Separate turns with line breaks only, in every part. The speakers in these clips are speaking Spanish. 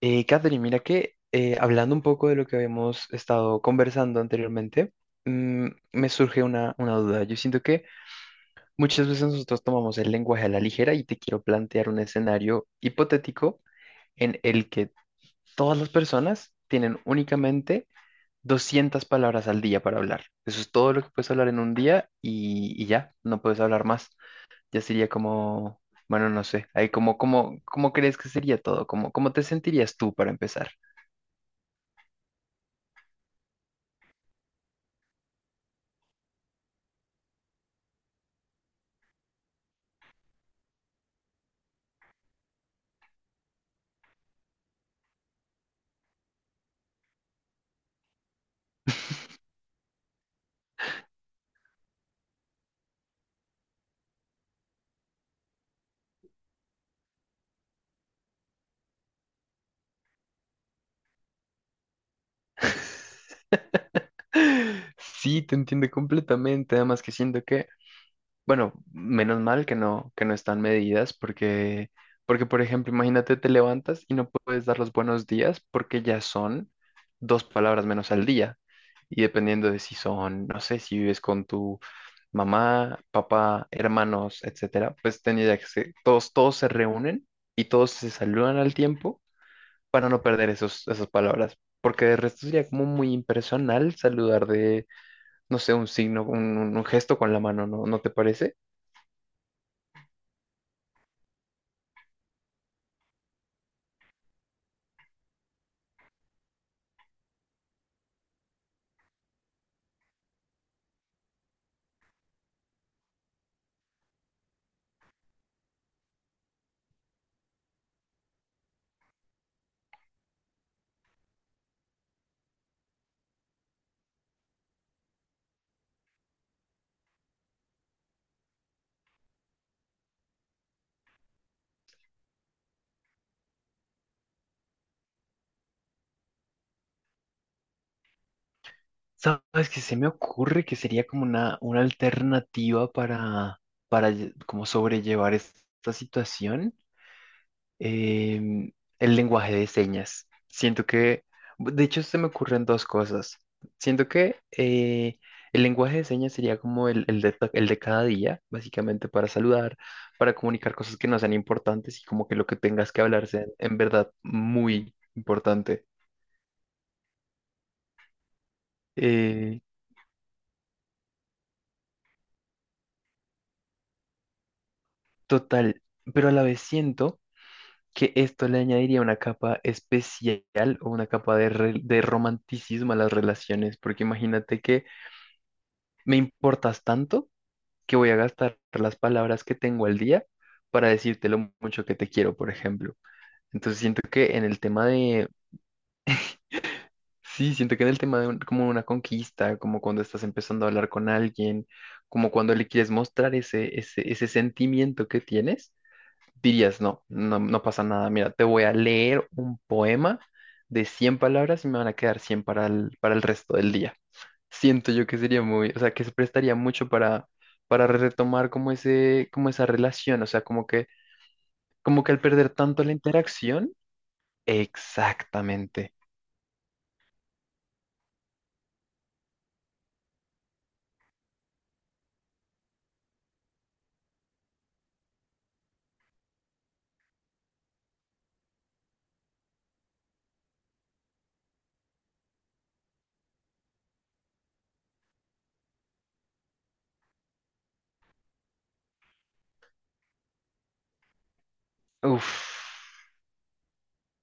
Catherine, mira que hablando un poco de lo que habíamos estado conversando anteriormente, me surge una duda. Yo siento que muchas veces nosotros tomamos el lenguaje a la ligera y te quiero plantear un escenario hipotético en el que todas las personas tienen únicamente 200 palabras al día para hablar. Eso es todo lo que puedes hablar en un día y ya, no puedes hablar más. Ya sería como, bueno, no sé, ahí como, ¿cómo crees que sería todo? ¿Cómo te sentirías tú para empezar? Sí, te entiendo completamente, además que siento que, bueno, menos mal que no están medidas, porque, por ejemplo, imagínate, te levantas y no puedes dar los buenos días porque ya son dos palabras menos al día. Y dependiendo de si son, no sé, si vives con tu mamá, papá, hermanos, etcétera, pues tendría que ser, todos se reúnen y todos se saludan al tiempo para no perder esos, esas palabras, porque de resto sería como muy impersonal saludar de no sé, un signo, un gesto con la mano, ¿no te parece? ¿Sabes que se me ocurre que sería como una alternativa para, para como sobrellevar esta situación? Em, el lenguaje de señas. Siento que, de hecho, se me ocurren dos cosas. Siento que el lenguaje de señas sería como el de cada día, básicamente para saludar, para comunicar cosas que no sean importantes y como que lo que tengas que hablarse en verdad muy importante. Eh, Total, pero a la vez siento que esto le añadiría una capa especial o una capa de romanticismo a las relaciones, porque imagínate que me importas tanto que voy a gastar las palabras que tengo al día para decirte lo mucho que te quiero, por ejemplo. Entonces siento que en el tema de, sí, siento que en el tema de como una conquista, como cuando estás empezando a hablar con alguien, como cuando le quieres mostrar ese sentimiento que tienes, dirías: no, no, no pasa nada. Mira, te voy a leer un poema de 100 palabras y me van a quedar 100 para el resto del día. Siento yo que sería muy, o sea, que se prestaría mucho para retomar como esa relación, o sea, como que al perder tanto la interacción, exactamente. Uf,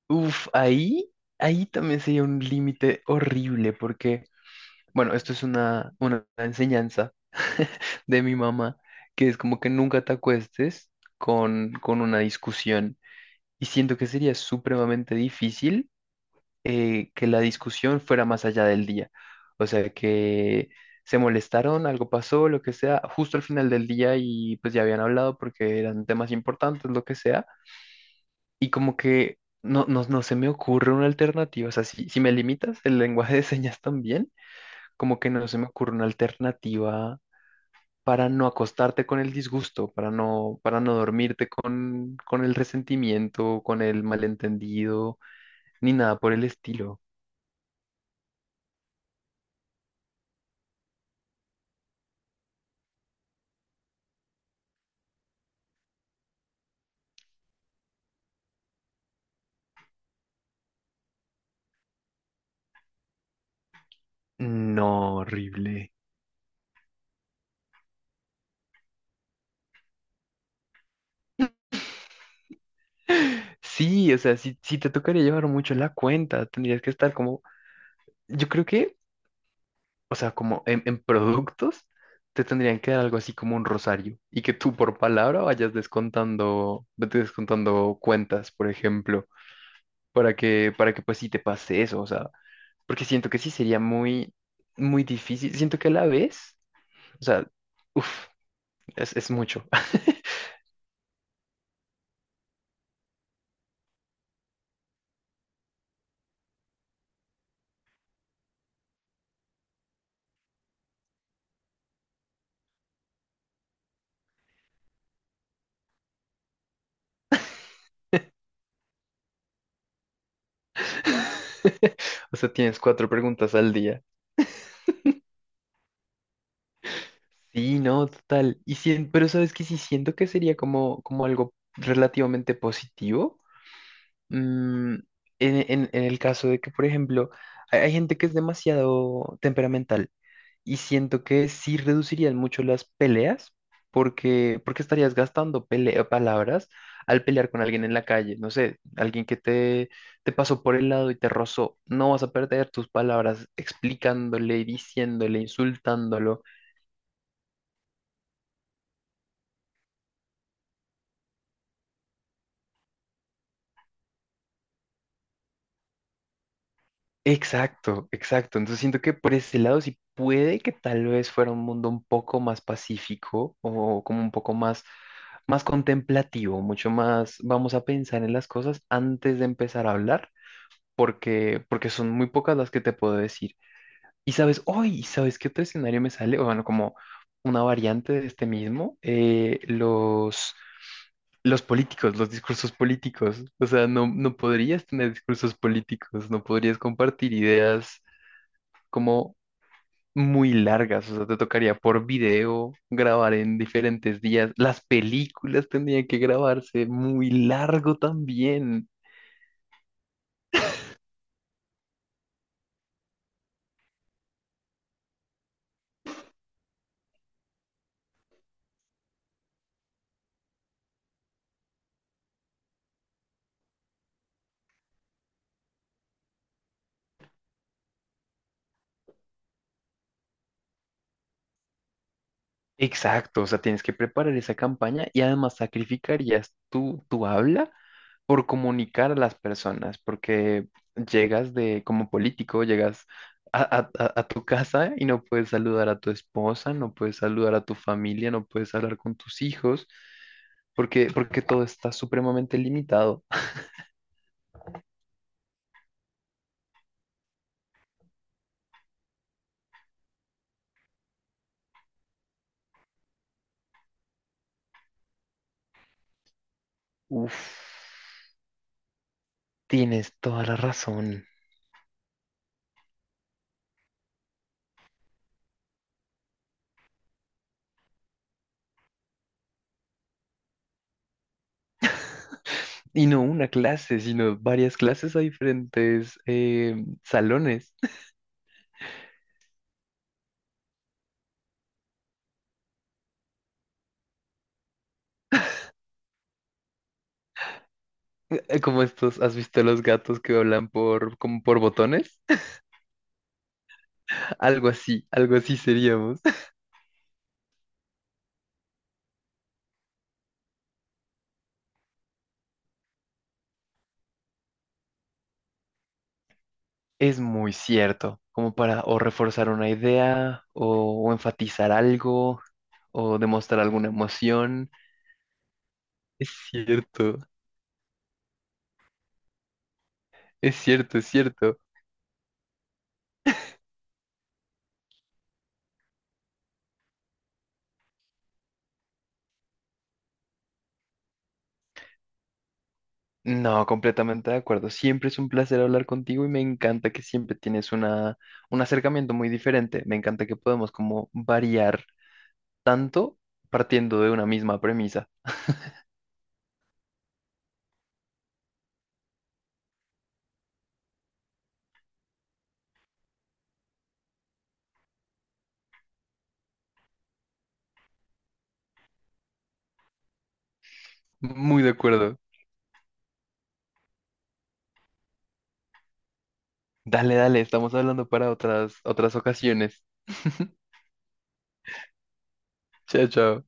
uf, ahí también sería un límite horrible porque, bueno, esto es una enseñanza de mi mamá, que es como que nunca te acuestes con una discusión. Y siento que sería supremamente difícil que la discusión fuera más allá del día. O sea, que se molestaron, algo pasó, lo que sea, justo al final del día y pues ya habían hablado porque eran temas importantes, lo que sea. Y como que no se me ocurre una alternativa. O sea, si me limitas el lenguaje de señas también como que no se me ocurre una alternativa para no acostarte con el disgusto, para no dormirte con el resentimiento, con el malentendido, ni nada por el estilo. No, horrible. Sí, o sea, sí, sí te tocaría llevar mucho la cuenta, tendrías que estar como, yo creo que, o sea, como en, productos, te tendrían que dar algo así como un rosario y que tú por palabra vayas descontando, vete descontando cuentas, por ejemplo para que pues sí te pase eso, o sea, porque siento que sí sería muy, muy difícil. Siento que a la vez, o sea, uff, es mucho. O sea, tienes cuatro preguntas al día. Sí, no, total. Pero sabes que sí siento que sería como algo relativamente positivo, Mm, en el caso de que, por ejemplo, hay gente que es demasiado temperamental y siento que sí reducirían mucho las peleas porque estarías gastando palabras al pelear con alguien en la calle. No sé, alguien que te pasó por el lado y te rozó. No vas a perder tus palabras explicándole, diciéndole, insultándolo. Exacto, exacto. Entonces siento que por ese lado sí puede que tal vez fuera un mundo un poco más pacífico o como un poco más contemplativo, mucho más vamos a pensar en las cosas antes de empezar a hablar, porque son muy pocas las que te puedo decir. Y sabes, hoy, ¿sabes qué otro escenario me sale? O bueno, como una variante de este mismo, los políticos, los discursos políticos. O sea, no, no podrías tener discursos políticos, no podrías compartir ideas como muy largas. O sea, te tocaría por video grabar en diferentes días. Las películas tendrían que grabarse muy largo también. Exacto, o sea, tienes que preparar esa campaña y además sacrificarías tu habla por comunicar a las personas, porque llegas de como político, llegas a tu casa y no puedes saludar a tu esposa, no puedes saludar a tu familia, no puedes hablar con tus hijos, porque todo está supremamente limitado. Uf, tienes toda la razón. Y no una clase, sino varias clases a diferentes salones. Como estos, ¿has visto los gatos que hablan por, como por botones? Algo así seríamos. Es muy cierto, como para o reforzar una idea o enfatizar algo o demostrar alguna emoción. Es cierto, es cierto, es cierto. No, completamente de acuerdo. Siempre es un placer hablar contigo y me encanta que siempre tienes un acercamiento muy diferente. Me encanta que podemos como variar tanto partiendo de una misma premisa. Muy de acuerdo. Dale, dale, estamos hablando para otras ocasiones. Chao, chao.